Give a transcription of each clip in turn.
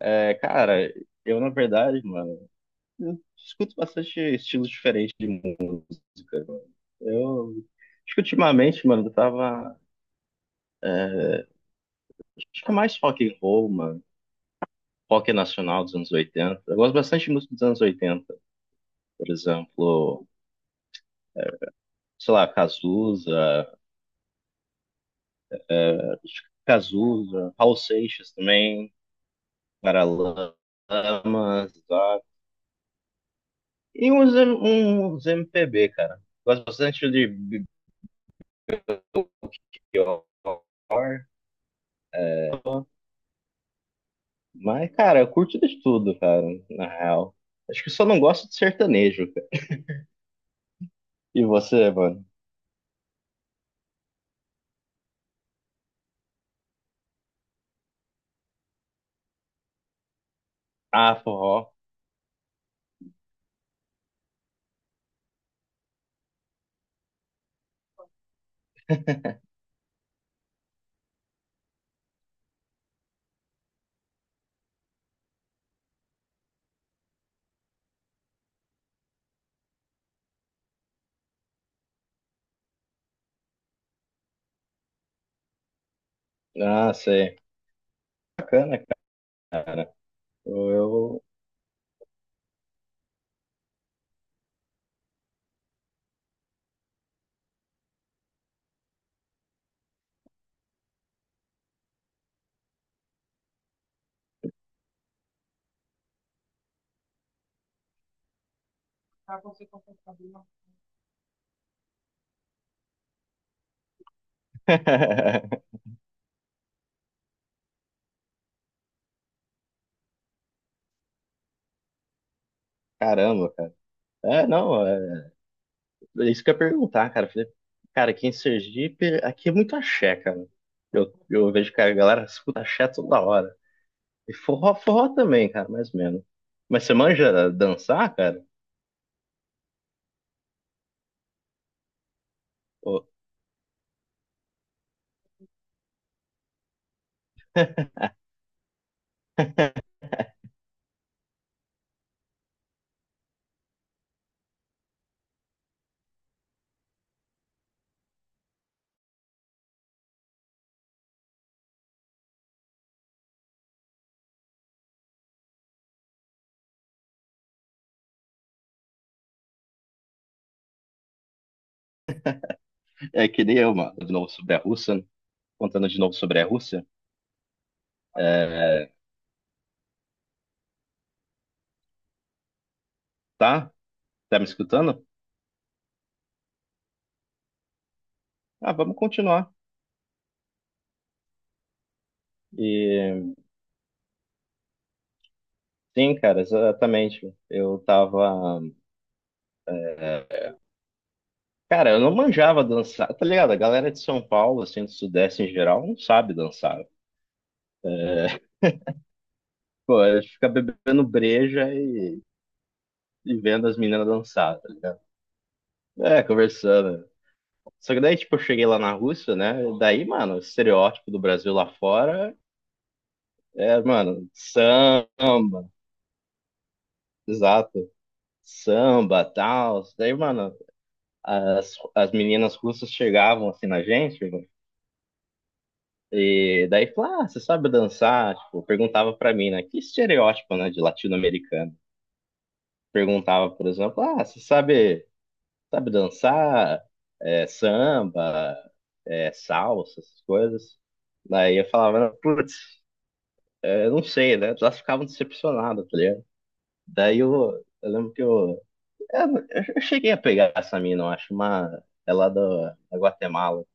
É, cara, eu na verdade, mano, eu escuto bastante estilos diferentes de música, mano. Eu acho que ultimamente, mano, eu tava. Acho que é mais rock and roll, mano. Rock nacional dos anos 80. Eu gosto bastante de música dos anos 80, por exemplo, sei lá, Cazuza, Cazuza, Raul Seixas também, Paralamas, tá? E uns MPB, cara. Gosto bastante de Belchior. Mas, cara, eu curto de tudo, cara, na real. Acho que só não gosto de sertanejo, cara. E você, mano? Ah, forró. Ah, sei. Bacana, cara. Eu... eu- Caramba, cara. É, não, é isso que eu ia perguntar, cara. Eu falei, cara, aqui em Sergipe, aqui é muito axé, cara. Eu vejo que a galera escuta axé toda hora. E forró, forró também, cara, mais ou menos. Mas você manja dançar, cara? Ou- É que nem eu, mano, de novo sobre a Rússia, né? Contando de novo sobre a Rússia. É, tá? Tá me escutando? Ah, vamos continuar. E sim, cara, exatamente. Eu tava. É, cara, eu não manjava dançar, tá ligado? A galera de São Paulo, assim, do Sudeste em geral, não sabe dançar. Pô, a gente fica bebendo breja e vendo as meninas dançar, tá ligado? É, conversando. Só que daí, tipo, eu cheguei lá na Rússia, né? Daí, mano, o estereótipo do Brasil lá fora é, mano, samba. Exato. Samba, tal. Daí, mano, as meninas russas chegavam assim na gente, mano, e daí falavam, ah, você sabe dançar? Tipo, perguntava pra mim, né? Que estereótipo, né, de latino-americano. Perguntava, por exemplo, ah, você sabe, dançar? É, samba, é, salsa, essas coisas. Daí eu falava, putz, é, não sei, né? Elas ficavam decepcionadas, tá ligado? Daí eu lembro que Eu, eu cheguei a pegar essa mina, eu acho, uma, é lá da Guatemala.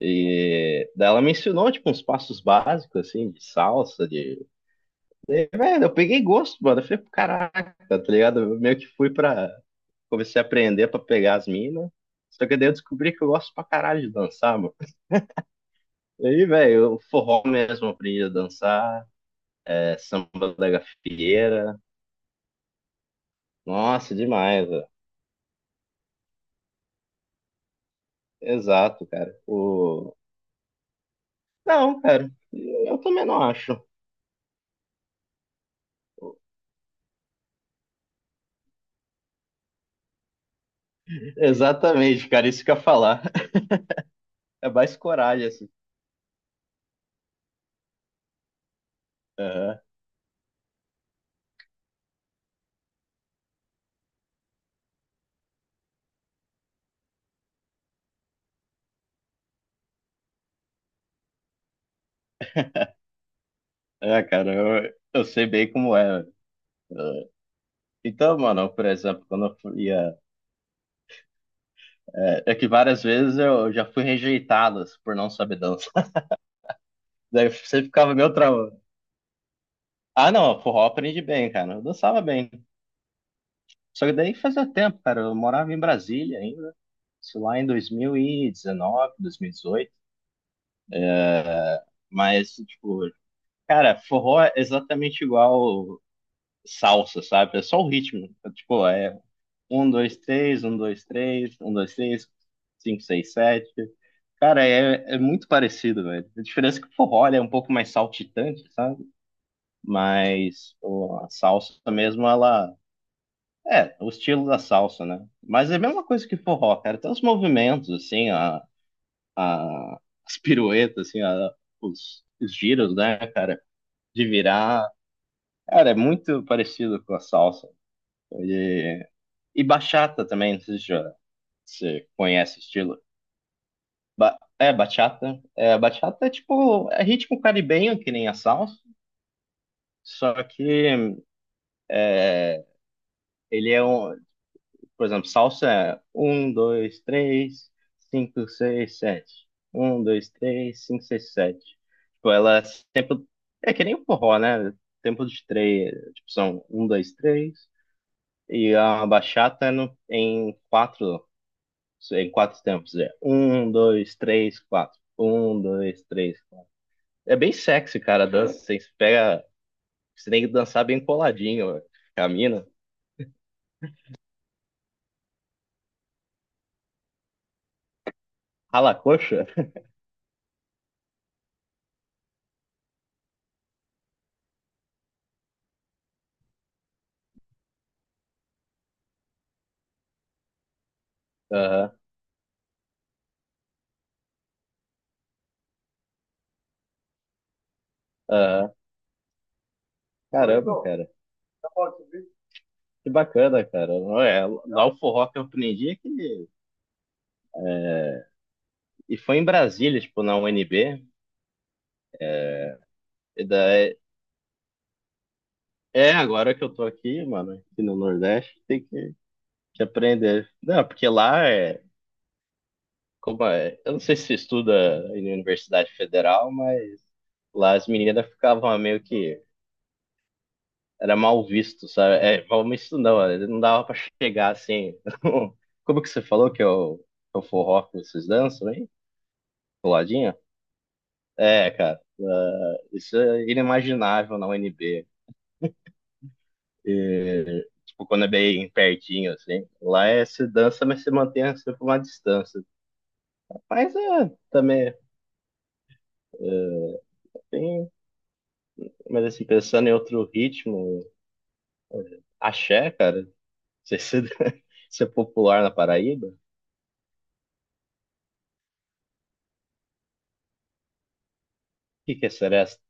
E daí ela me ensinou, tipo, uns passos básicos, assim, de salsa. E, velho, eu peguei gosto, mano. Eu falei, caraca, tá ligado? Eu meio que fui. Comecei a aprender pra pegar as minas. Só que daí eu descobri que eu gosto pra caralho de dançar, mano. E aí, velho, eu forró mesmo aprendi a dançar. É, samba da gafieira. Nossa, demais, velho. Exato, cara. Não, cara. Eu também não acho. Exatamente, cara, isso que eu ia falar. É mais coragem, assim. Aham. É, cara, eu sei bem como é. Então, mano, por exemplo, quando eu fui, é que várias vezes eu já fui rejeitado assim, por não saber dançar. Daí você ficava meio trauma. Ah, não, forró aprendi bem, cara. Eu dançava bem. Só que daí fazia tempo, cara. Eu morava em Brasília ainda. Isso lá em 2019, 2018. Mas, tipo, cara, forró é exatamente igual salsa, sabe? É só o ritmo. É, tipo, um, dois, três, um, dois, três, um, dois, três, cinco, seis, sete. Cara, é muito parecido, velho. A diferença é que o forró ele é um pouco mais saltitante, sabe? Mas pô, a salsa mesmo, ela. É, o estilo da salsa, né? Mas é a mesma coisa que forró, cara. Tem os movimentos, assim, a, as piruetas, assim, os giros, né, cara? De virar. Cara, é muito parecido com a salsa. E, e bachata também, não sei se se você conhece o estilo. É, bachata. É, bachata é tipo, é ritmo caribenho, que nem a salsa, só que ele é um, por exemplo, salsa é um, dois, três, cinco, seis, sete. Um, dois, três, cinco, seis, sete. Tipo, ela é tempo, é que nem o forró, né? Tempo de três, tipo, são um, dois, três, e a bachata é no, em quatro tempos, é um, dois, três, quatro. Um, dois, três, É bem sexy, cara, a dança. Você pega. Você tem que dançar bem coladinho, camina. Rala a coxa. Aham, aham. Caramba, então, cara. Que bacana, cara. Não é, lá o forró que eu aprendi é que. E foi em Brasília, tipo, na UNB. E daí. É, agora que eu tô aqui, mano, aqui no Nordeste, tem que aprender. Não, porque lá é. Como é? Eu não sei se estuda em universidade federal, mas lá as meninas ficavam meio que. Era mal visto, sabe? É, mal visto não, ele não dava pra chegar assim. Como que você falou que é o forró que vocês dançam, hein? Coladinho? É, cara, isso é inimaginável na UNB. Tipo, quando é bem pertinho, assim. Lá é se dança, mas se mantém sempre uma distância. Mas é, também tem. Mas assim, pensando em outro ritmo, axé, cara, não sei se se é popular na Paraíba. O que que é seresta?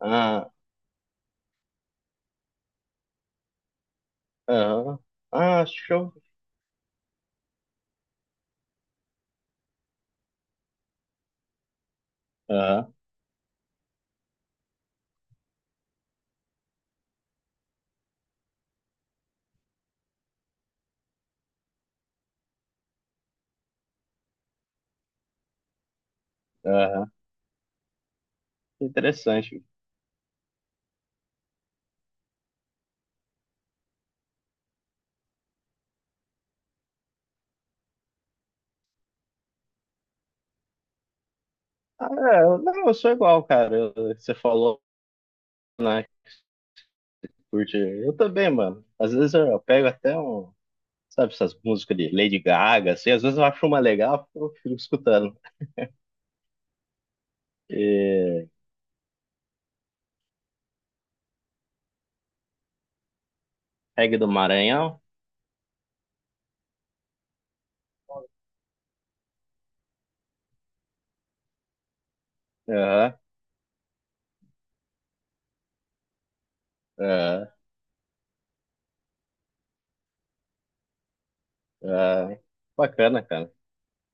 Ah, aham. Ah, show. Aham. Aham. Interessante. Ah, é, não, eu sou igual, cara. Você falou, né, que curte. Eu também, mano. Às vezes eu pego até um, sabe, essas músicas de Lady Gaga, assim, às vezes eu acho uma legal, eu fico escutando. E reggae do Maranhão. Aham, aham, aham. Bacana, cara.